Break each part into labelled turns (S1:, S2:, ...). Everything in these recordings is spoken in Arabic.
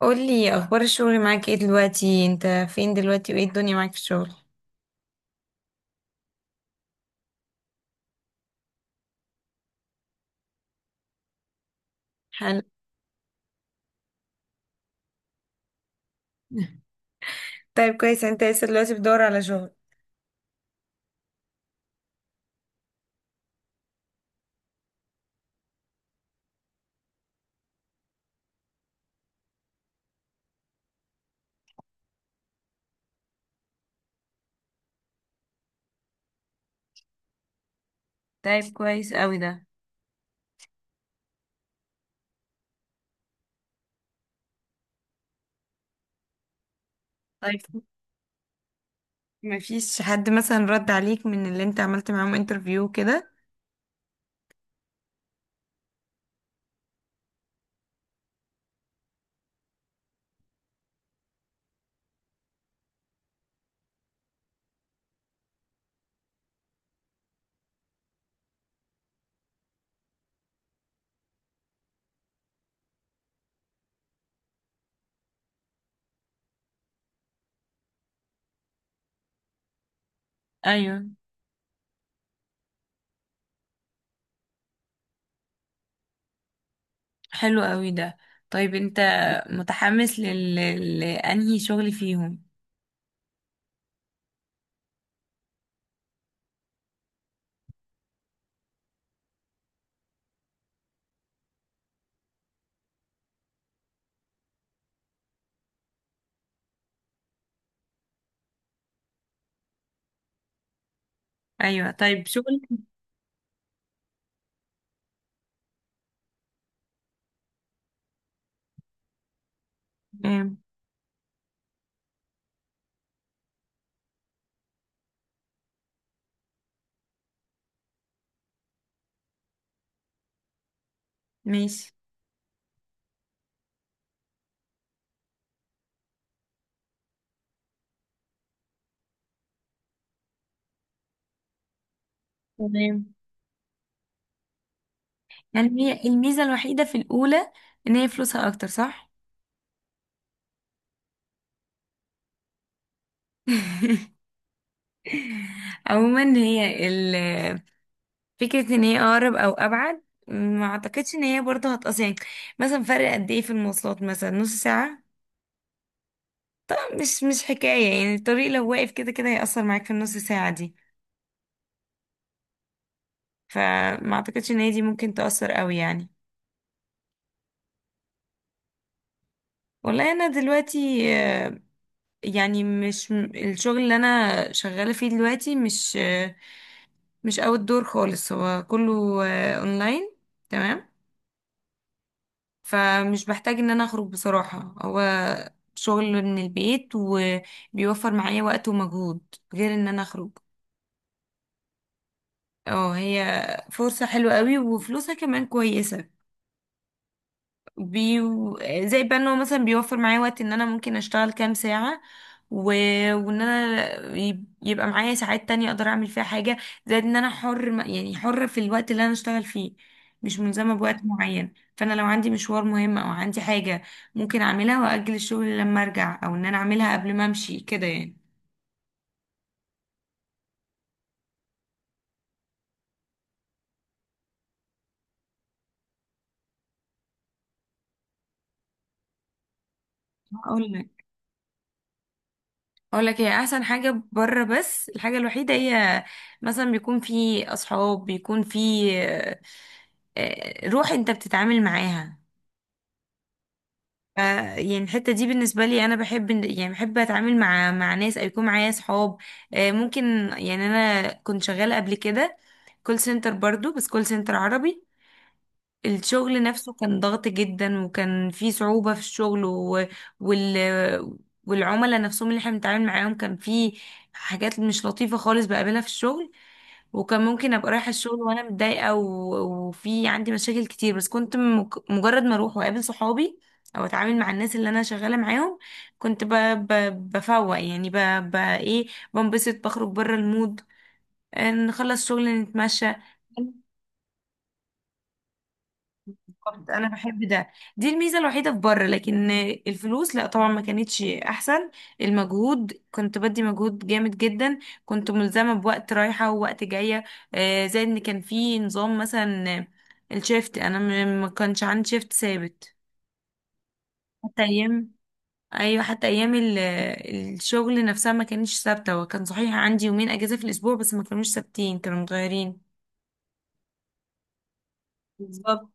S1: قولي اخبار الشغل معاك ايه دلوقتي؟ انت فين دلوقتي وايه الدنيا معاك في الشغل؟ حلو. طيب كويس، انت لسه دلوقتي بتدور على شغل؟ طيب كويس قوي ده. طيب ما فيش حد مثلا رد عليك من اللي انت عملت معاهم انترفيو كده؟ ايوه. حلو قوي ده. طيب انت متحمس لانهي شغل فيهم؟ ايوه. طيب شغل. تمام. ماشي. تمام. يعني هي الميزة الوحيدة في الاولى ان هي فلوسها اكتر، صح؟ عموما، فكرة ان هي اقرب او ابعد، ما اعتقدش ان هي برضه هتقص يعني. مثلا فرق قد ايه في المواصلات؟ مثلا نص ساعة. مش حكاية يعني، الطريق لو واقف كده كده هيأثر معاك في النص ساعة دي. فما اعتقدش ان هي دي ممكن تأثر قوي يعني. والله انا دلوقتي يعني مش م- الشغل اللي انا شغالة فيه دلوقتي مش مش اوت دور خالص، هو كله اونلاين. تمام. فمش بحتاج ان انا اخرج بصراحة، هو شغل من البيت، وبيوفر معايا وقت ومجهود غير ان انا اخرج. اه، هي فرصة حلوة قوي وفلوسها كمان كويسة. بي زي بقى ان هو مثلا بيوفر معايا وقت ان انا ممكن اشتغل كام ساعة، و... وان انا يبقى معايا ساعات تانية اقدر اعمل فيها حاجة. زائد ان انا حر يعني حر في الوقت اللي انا اشتغل فيه، مش ملزمة بوقت معين، فانا لو عندي مشوار مهم او عندي حاجة ممكن اعملها واجل الشغل لما ارجع، او ان انا اعملها قبل ما امشي كده يعني. اقول لك اقول لك، هي احسن حاجة بره، بس الحاجة الوحيدة هي مثلا بيكون في اصحاب، بيكون في روح انت بتتعامل معاها. يعني الحتة دي بالنسبة لي، انا بحب يعني بحب اتعامل مع ناس او يكون معايا صحاب. ممكن. يعني انا كنت شغالة قبل كده كول سنتر برضو، بس كول سنتر عربي. الشغل نفسه كان ضغط جدا، وكان فيه صعوبة في الشغل و... وال والعملاء نفسهم اللي احنا بنتعامل معاهم كان فيه حاجات مش لطيفة خالص بقابلها في الشغل. وكان ممكن ابقى رايحه الشغل وانا متضايقه وفي عندي مشاكل كتير، بس كنت مجرد ما اروح واقابل صحابي، او اتعامل مع الناس اللي انا شغاله معاهم، كنت بفوق يعني ايه، بنبسط بخرج بره المود. نخلص شغل، نتمشى. بالظبط. انا بحب ده، دي الميزه الوحيده في بره، لكن الفلوس لا، طبعا ما كانتش احسن. المجهود كنت بدي مجهود جامد جدا، كنت ملزمه بوقت رايحه ووقت جايه. زائد ان كان في نظام، مثلا الشيفت انا ما كانش عندي شيفت ثابت، حتى ايام. ايوه، حتى ايام الشغل نفسها ما كانتش ثابته، وكان صحيح عندي يومين اجازه في الاسبوع بس ما كانوش ثابتين، كانوا متغيرين. بالظبط.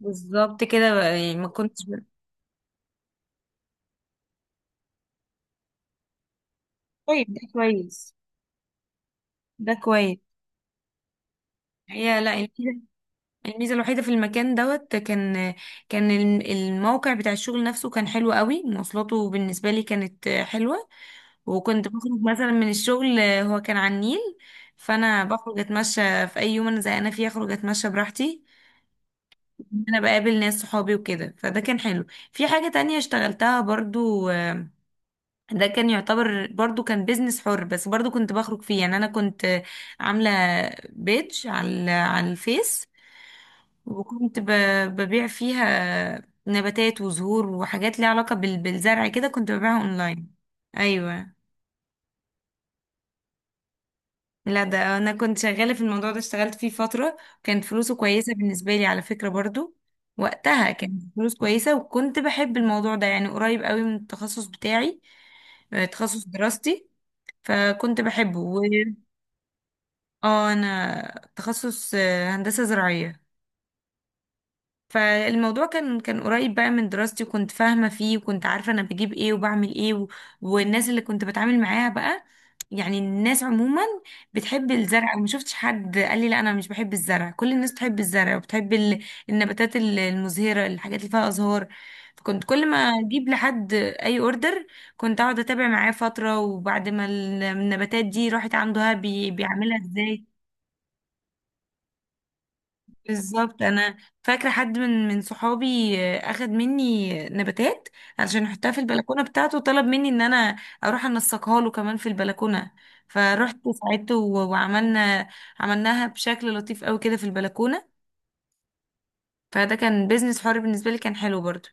S1: بالظبط كده بقى، يعني ما كنتش. طيب ده كويس، ده كويس. هي لا، الميزة الوحيدة في المكان دوت كان الموقع بتاع الشغل نفسه كان حلو قوي، مواصلاته بالنسبة لي كانت حلوة. وكنت بخرج مثلا من الشغل، هو كان على النيل، فأنا بخرج أتمشى في أي يوم أنا زهقانة فيه، أخرج أتمشى براحتي. أنا بقابل ناس صحابي وكده، فده كان حلو. في حاجة تانية اشتغلتها برضو، ده كان يعتبر برضو كان بيزنس حر، بس برضو كنت بخرج فيه، يعني أنا كنت عاملة بيج على الفيس. وكنت ببيع فيها نباتات وزهور وحاجات ليها علاقة بالزرع، كده كنت ببيعها اونلاين. ايوه. لا، ده انا كنت شغالة في الموضوع ده، اشتغلت فيه فترة. كانت فلوسه كويسة بالنسبة لي على فكرة برضو، وقتها كانت فلوس كويسة، وكنت بحب الموضوع ده، يعني قريب قوي من التخصص بتاعي، تخصص دراستي، فكنت بحبه، و اه، انا تخصص هندسة زراعية. فالموضوع كان قريب بقى من دراستي، وكنت فاهمة فيه، وكنت عارفة أنا بجيب إيه وبعمل إيه، والناس اللي كنت بتعامل معاها بقى، يعني الناس عموما بتحب الزرع، وما شفتش حد قال لي لا أنا مش بحب الزرع. كل الناس بتحب الزرع، وبتحب النباتات المزهرة، الحاجات اللي فيها أزهار. فكنت كل ما أجيب لحد أي أوردر، كنت أقعد أتابع معاه فترة، وبعد ما النباتات دي راحت عنده، ها بيعملها إزاي. بالظبط. انا فاكره حد من صحابي اخد مني نباتات علشان يحطها في البلكونه بتاعته، وطلب مني ان انا اروح انسقها له كمان في البلكونه. فروحت ساعدته و- وعملنا عملناها بشكل لطيف قوي كده في البلكونه. فده كان بيزنس حر بالنسبه لي، كان حلو برضو.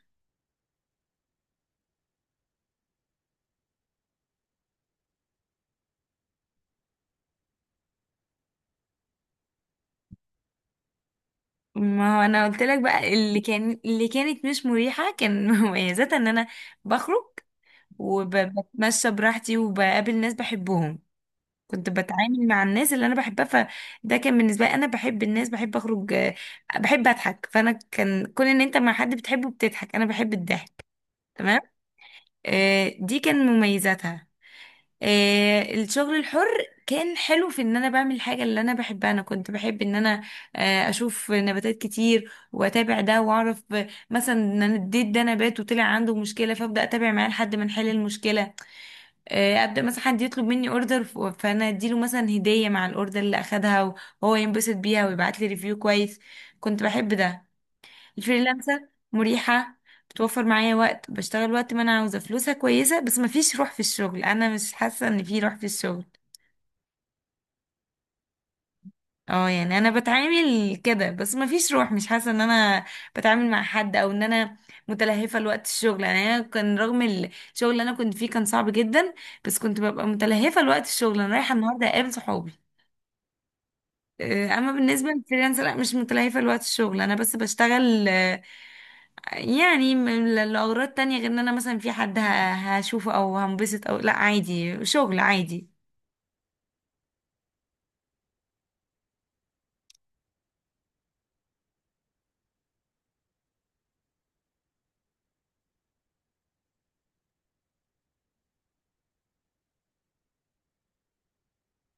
S1: ما هو انا قلت لك بقى، اللي كانت مش مريحه كان مميزاتها ان انا بخرج، وبتمشى براحتي، وبقابل ناس بحبهم. كنت بتعامل مع الناس اللي انا بحبها، فده كان بالنسبه لي، انا بحب الناس، بحب اخرج، بحب اضحك. فانا كان كون ان انت مع حد بتحبه بتضحك، انا بحب الضحك. تمام. دي كان مميزاتها. الشغل الحر كان حلو في ان انا بعمل الحاجه اللي انا بحبها. انا كنت بحب ان انا اشوف نباتات كتير واتابع ده واعرف، مثلا ان انا اديت ده نبات وطلع عنده مشكله فابدا اتابع معاه لحد ما نحل المشكله. ابدا مثلا حد يطلب مني اوردر، فانا اديله مثلا هديه مع الاوردر اللي اخدها، وهو ينبسط بيها ويبعت لي ريفيو كويس. كنت بحب ده. الفريلانسر مريحه، بتوفر معايا وقت، بشتغل وقت ما انا عاوزه، فلوسها كويسه، بس مفيش روح في الشغل، انا مش حاسه ان في روح في الشغل. اه يعني انا بتعامل كده، بس مفيش روح، مش حاسه ان انا بتعامل مع حد، او ان انا متلهفه لوقت الشغل. يعني انا كان رغم الشغل اللي انا كنت فيه كان صعب جدا، بس كنت ببقى متلهفه لوقت الشغل، انا رايحه النهارده اقابل صحابي. اما بالنسبه للفريلانس لا، مش متلهفه لوقت الشغل، انا بس بشتغل يعني لاغراض تانية، غير ان انا مثلا في حد هشوفه او هنبسط، او لا، عادي شغل عادي.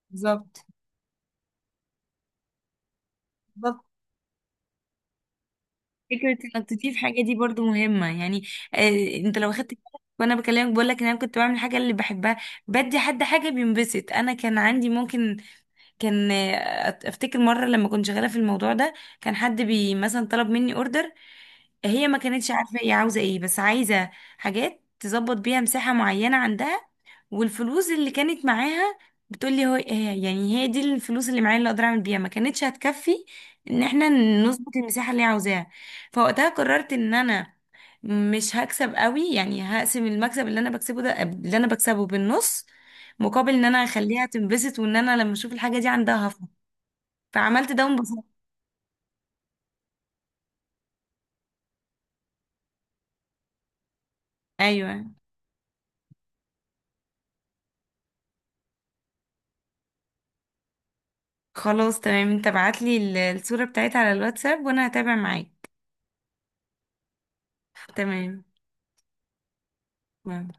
S1: بالظبط. بالظبط. فكره انك تضيف حاجه دي برضو مهمه يعني. انت لو خدت بالك وانا بكلمك بقول لك ان انا كنت بعمل حاجه اللي بحبها، بدي حد حاجه بينبسط، انا كان عندي ممكن، كان افتكر مره لما كنت شغاله في الموضوع ده، كان حد مثلا طلب مني اوردر. هي ما كانتش عارفه هي عاوزه ايه، بس عايزه حاجات تظبط بيها مساحه معينه عندها، والفلوس اللي كانت معاها، بتقولي هي يعني هي دي الفلوس اللي معايا اللي اقدر اعمل بيها، ما كانتش هتكفي ان احنا نظبط المساحه اللي هي عاوزاها. فوقتها قررت ان انا مش هكسب قوي، يعني هقسم المكسب اللي انا بكسبه ده، اللي انا بكسبه بالنص، مقابل ان انا اخليها تنبسط، وان انا لما اشوف الحاجه دي عندها هفرح. فعملت ده وانبسطت. ايوه خلاص تمام، انت ابعت لي الصوره بتاعتها على الواتساب وانا هتابع معاك. تمام.